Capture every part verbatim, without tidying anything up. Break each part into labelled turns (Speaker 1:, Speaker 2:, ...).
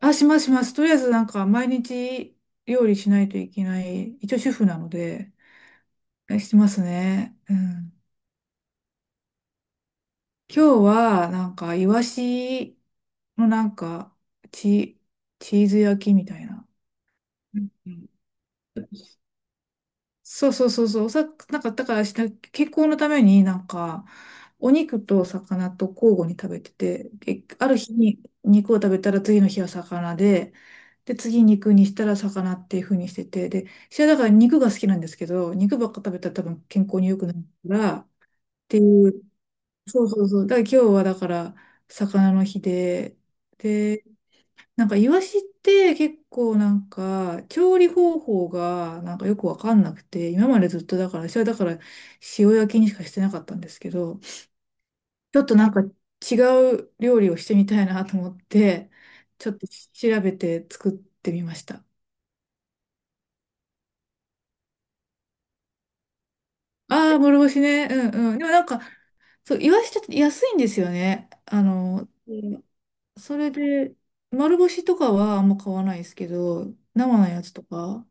Speaker 1: あ、しますします。とりあえずなんか毎日料理しないといけない、一応主婦なので、えしてますね。うん。今日はなんかイワシのなんかチ、チーズ焼きみたいな。うん、そうそうそうそう、おさ、なんか、だからした、健康のためになんか、お肉と魚と交互に食べてて、えある日に肉を食べたら次の日は魚で、で、次肉にしたら魚っていう風にしてて、で、私はだから肉が好きなんですけど、肉ばっか食べたら多分健康に良くないから、っていう、そうそうそう、だから今日はだから魚の日で、なんかイワシって結構なんか調理方法がなんかよくわかんなくて、今までずっとだから、私はだから塩焼きにしかしてなかったんですけど、ちょっとなんか違う料理をしてみたいなと思って、ちょっと調べて作ってみました。ああ、諸星ね。うんうん。でもなんか、そう、イワシちょっと安いんですよね。あの、うん、それで、丸干しとかはあんま買わないですけど、生のやつとか。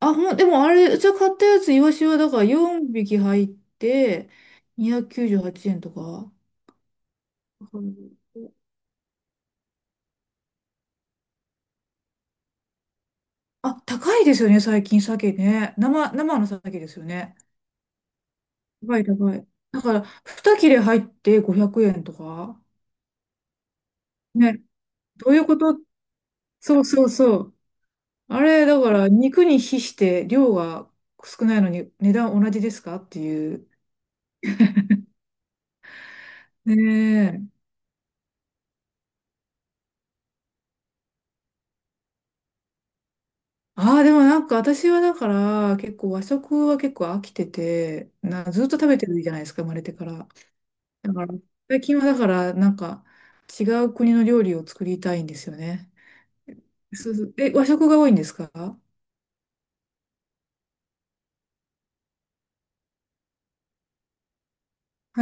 Speaker 1: あ、ほん、でもあれ、うちは買ったやつ、イワシはだからよんひき入って、にひゃくきゅうじゅうはちえんとか。うん、あ、高いですよね、最近、鮭ね。生、生の鮭ですよね。高い、高い。だから、に切れ入ってごひゃくえんとか。ね、どういうこと？そうそうそう。あれ、だから、肉に比して量が少ないのに値段同じですかっていう。ねえ。ああ、でもなんか私はだから結構和食は結構飽きてて、な、ずっと食べてるじゃないですか、生まれてから。だから、最近はだからなんか違う国の料理を作りたいんですよね。そうそう。え、和食が多いんですか？は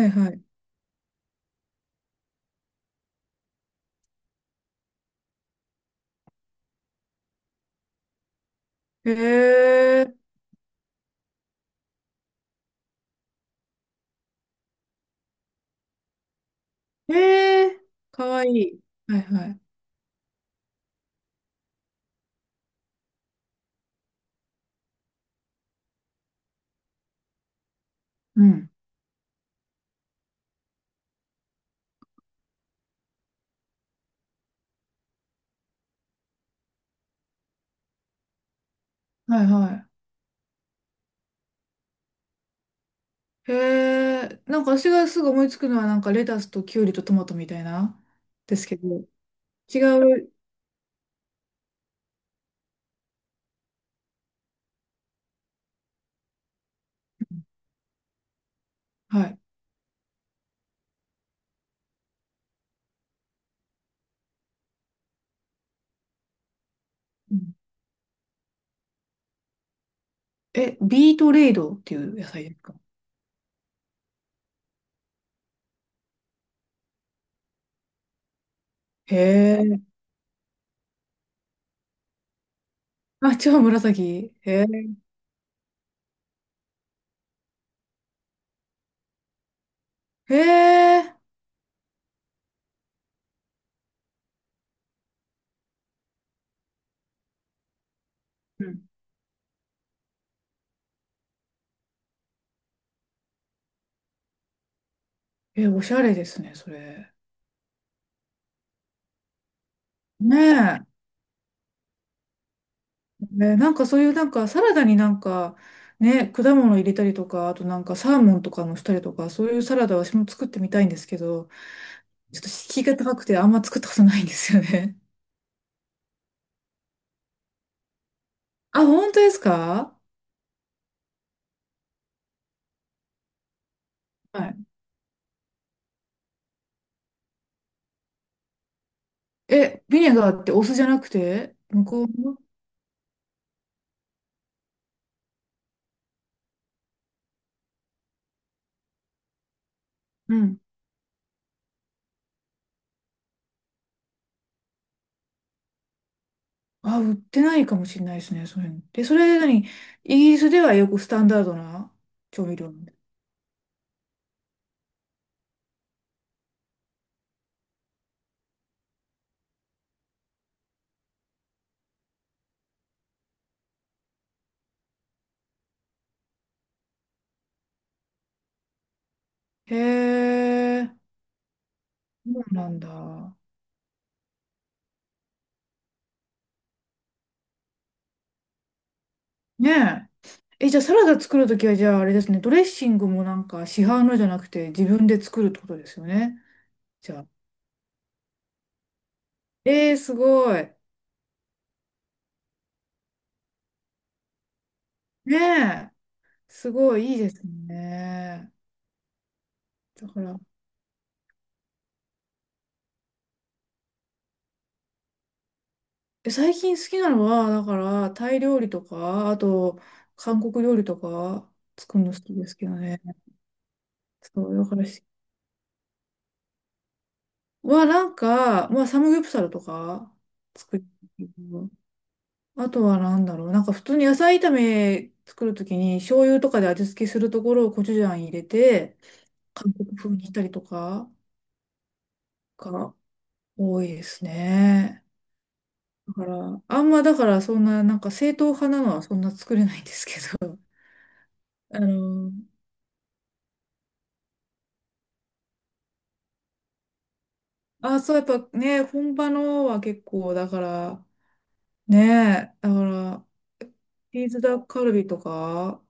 Speaker 1: いはい。へえ、へえ、かわいい。はいはい。うん。はいはい。へえ、なんか私がすぐ思いつくのはなんかレタスとキュウリとトマトみたいな、ですけど、違う。はい。え、ビートレイドっていう野菜ですか？へえ。あ、違う、紫。へえ。へえ。うん、え、おしゃれですね、それ。ねえ。ね、なんかそういうなんかサラダになんか、ね、果物入れたりとか、あとなんかサーモンとかのしたりとか、そういうサラダ私も作ってみたいんですけど、ちょっと敷居が高くてあんま作ったことないんですよね。あ、本当ですか？はい。え、ビネガーってお酢じゃなくて、向こうの、うん、あ、売ってないかもしれないですね、そういうの。で、それなに、イギリスではよくスタンダードな調味料なんだ。へえ、そうなんだ。ねえ。え、じゃあサラダ作るときは、じゃああれですね、ドレッシングもなんか市販のじゃなくて自分で作るってことですよね。じゃあ。えー、すごい。ねえ。すごい、いいですね。だから、え、最近好きなのは、だから、タイ料理とか、あと、韓国料理とか、作るの好きですけどね。そう、だからは、なんか、まあ、サムギョプサルとか作るけど。あとはなんだろう。なんか普通に野菜炒め作るときに醤油とかで味付けするところをコチュジャン入れて、韓国風にしたりとかが多いですね。だから、あんまだからそんな、なんか正統派なのはそんな作れないんですけど。あの、あ、そう、やっぱね、本場のは結構、だから、ね、だから、チーズダックカルビとか、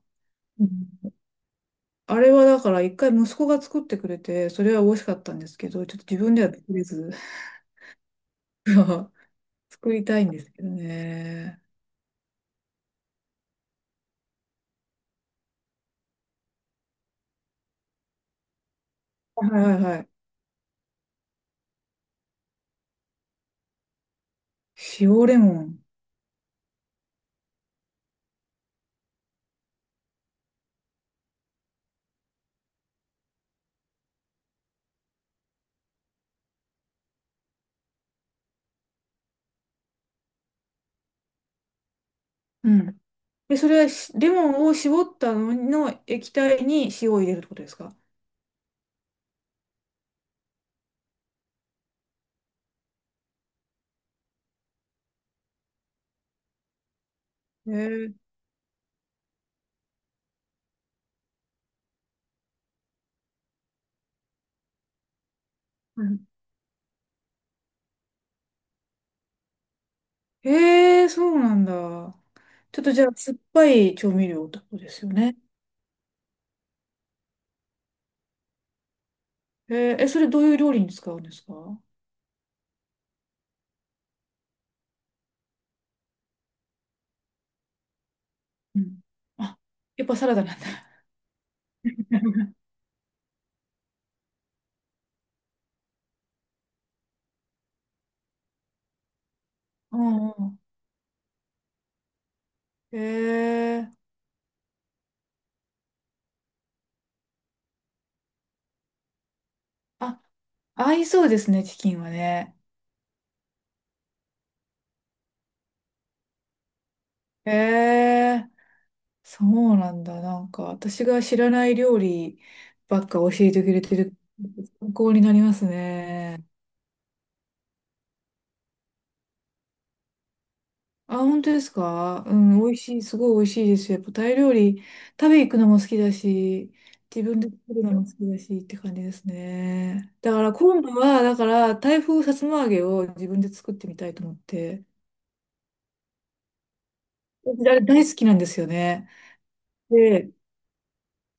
Speaker 1: あれはだから一回息子が作ってくれて、それは美味しかったんですけど、ちょっと自分ではできず 作りたいんですけどね。はいはいはい。塩レモン。うん。で、それはしレモンを絞ったのの液体に塩を入れるってことですか？へえ、うん、へえ、そうなんだ。ちょっとじゃあ、酸っぱい調味料ってことですよね。へええ、それどういう料理に使うんですか？うん。あ、やっぱサラダなんだ。うんうん。へえ。あ、合いそうですね、チキンはね。へえ、そうなんだ。なんか、私が知らない料理ばっか教えてくれてる、参考になりますね。あ、本当ですか？うん、美味しい、すごい美味しいですよ。やっぱタイ料理、食べ行くのも好きだし、自分で作るのも好きだしって感じですね。だから今度は、だから、タイ風さつま揚げを自分で作ってみたいと思って。私あれ大好きなんですよね。で、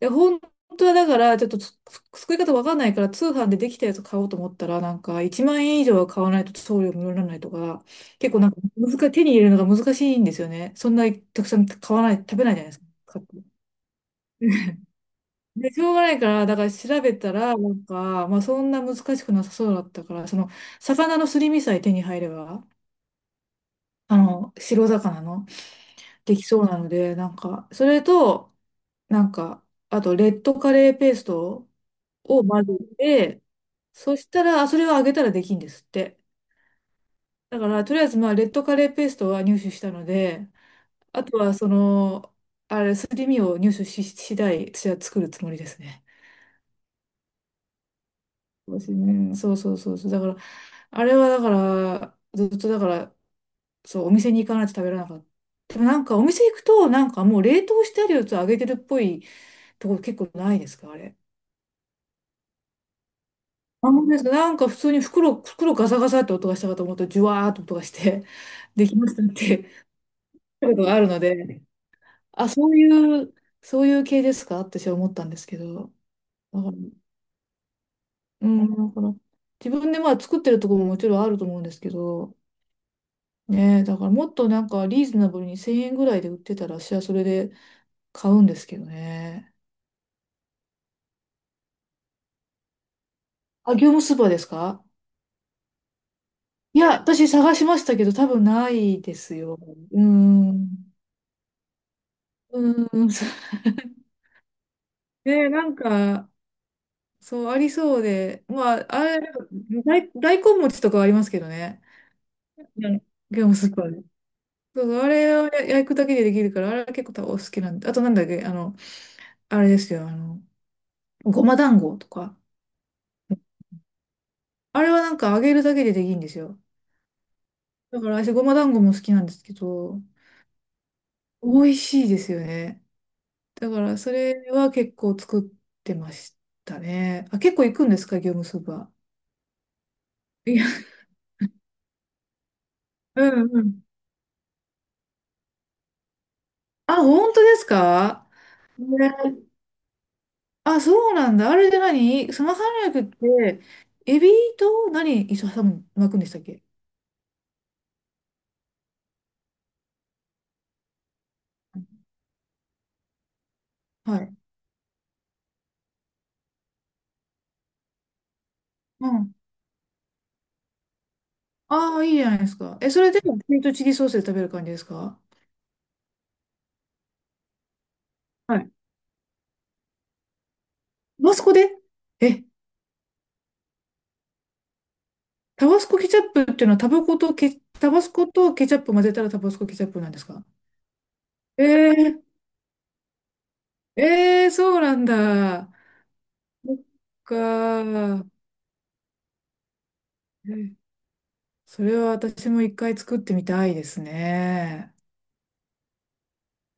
Speaker 1: いや、本当はだから、ちょっとつ作り方わかんないから、通販でできたやつ買おうと思ったら、なんか、いちまん円以上は買わないと送料無料にならないとか、結構なんか難しい、手に入れるのが難しいんですよね。そんなにたくさん買わない、食べないじゃないですか。買って で、しょうがないから、だから調べたら、なんか、まあそんな難しくなさそうだったから、その、魚のすり身さえ手に入れば、あの、白魚の、できそうなので、なんか、それと、なんか、あと、レッドカレーペーストを混ぜて、そしたら、あそれを揚げたらできんですって。だから、とりあえず、まあ、レッドカレーペーストは入手したので、あとは、その、あれ、すり身を入手し次第、私は作るつもりですね。そうですねそうそうそうそう。だから、あれはだから、ずっとだから、そう、お店に行かないと食べられなかった。でもなんか、お店行くと、なんかもう冷凍してあるやつを揚げてるっぽいところ結構ないですか、あれ。あ、本当ですか。なんか普通に袋、袋ガサガサって音がしたかと思うと、ジュワーっと音がして、できましたって ことがあるので、あ、そういう、そういう系ですかって私は思ったんですけど、だから、うん、だから自分でまあ作ってるところももちろんあると思うんですけど、ねえ、だからもっとなんかリーズナブルにせんえんぐらいで売ってたら、私はそれで買うんですけどね。あ、業務スーパーですか？いや、私探しましたけど、多分ないですよ。うーん。うーん。ねえ、なんか、そう、ありそうで、まあ、あれ、大、大根餅とかはありますけどね。あの業務スーパーで。そうそう、あれをや焼くだけでできるから、あれは結構多分お好きなんで。あとなんだっけ、あの、あれですよ、あの、ごま団子とか。あれはなんか揚げるだけでできるんですよ。だから私、ごま団子も好きなんですけど、美味しいですよね。だから、それは結構作ってましたね。あ、結構行くんですか、業務スーパー。いや、うんうん。あ、本当ですかね、あ、そうなんだ。あれで何スマーハンライクって、エビと何一緒に挟む巻くんでしたっけ？はい。うん。ああ、いいじゃないですか。え、それで、ピリトチリソースで食べる感じですか？はい。タバスコで、え、タバスコケチャップっていうのはタバコとケ、タバスコとケチャップ混ぜたらタバスコケチャップなんですか？えー、えー、そうなんだ。そっかー。え、それは私も一回作ってみたいですね。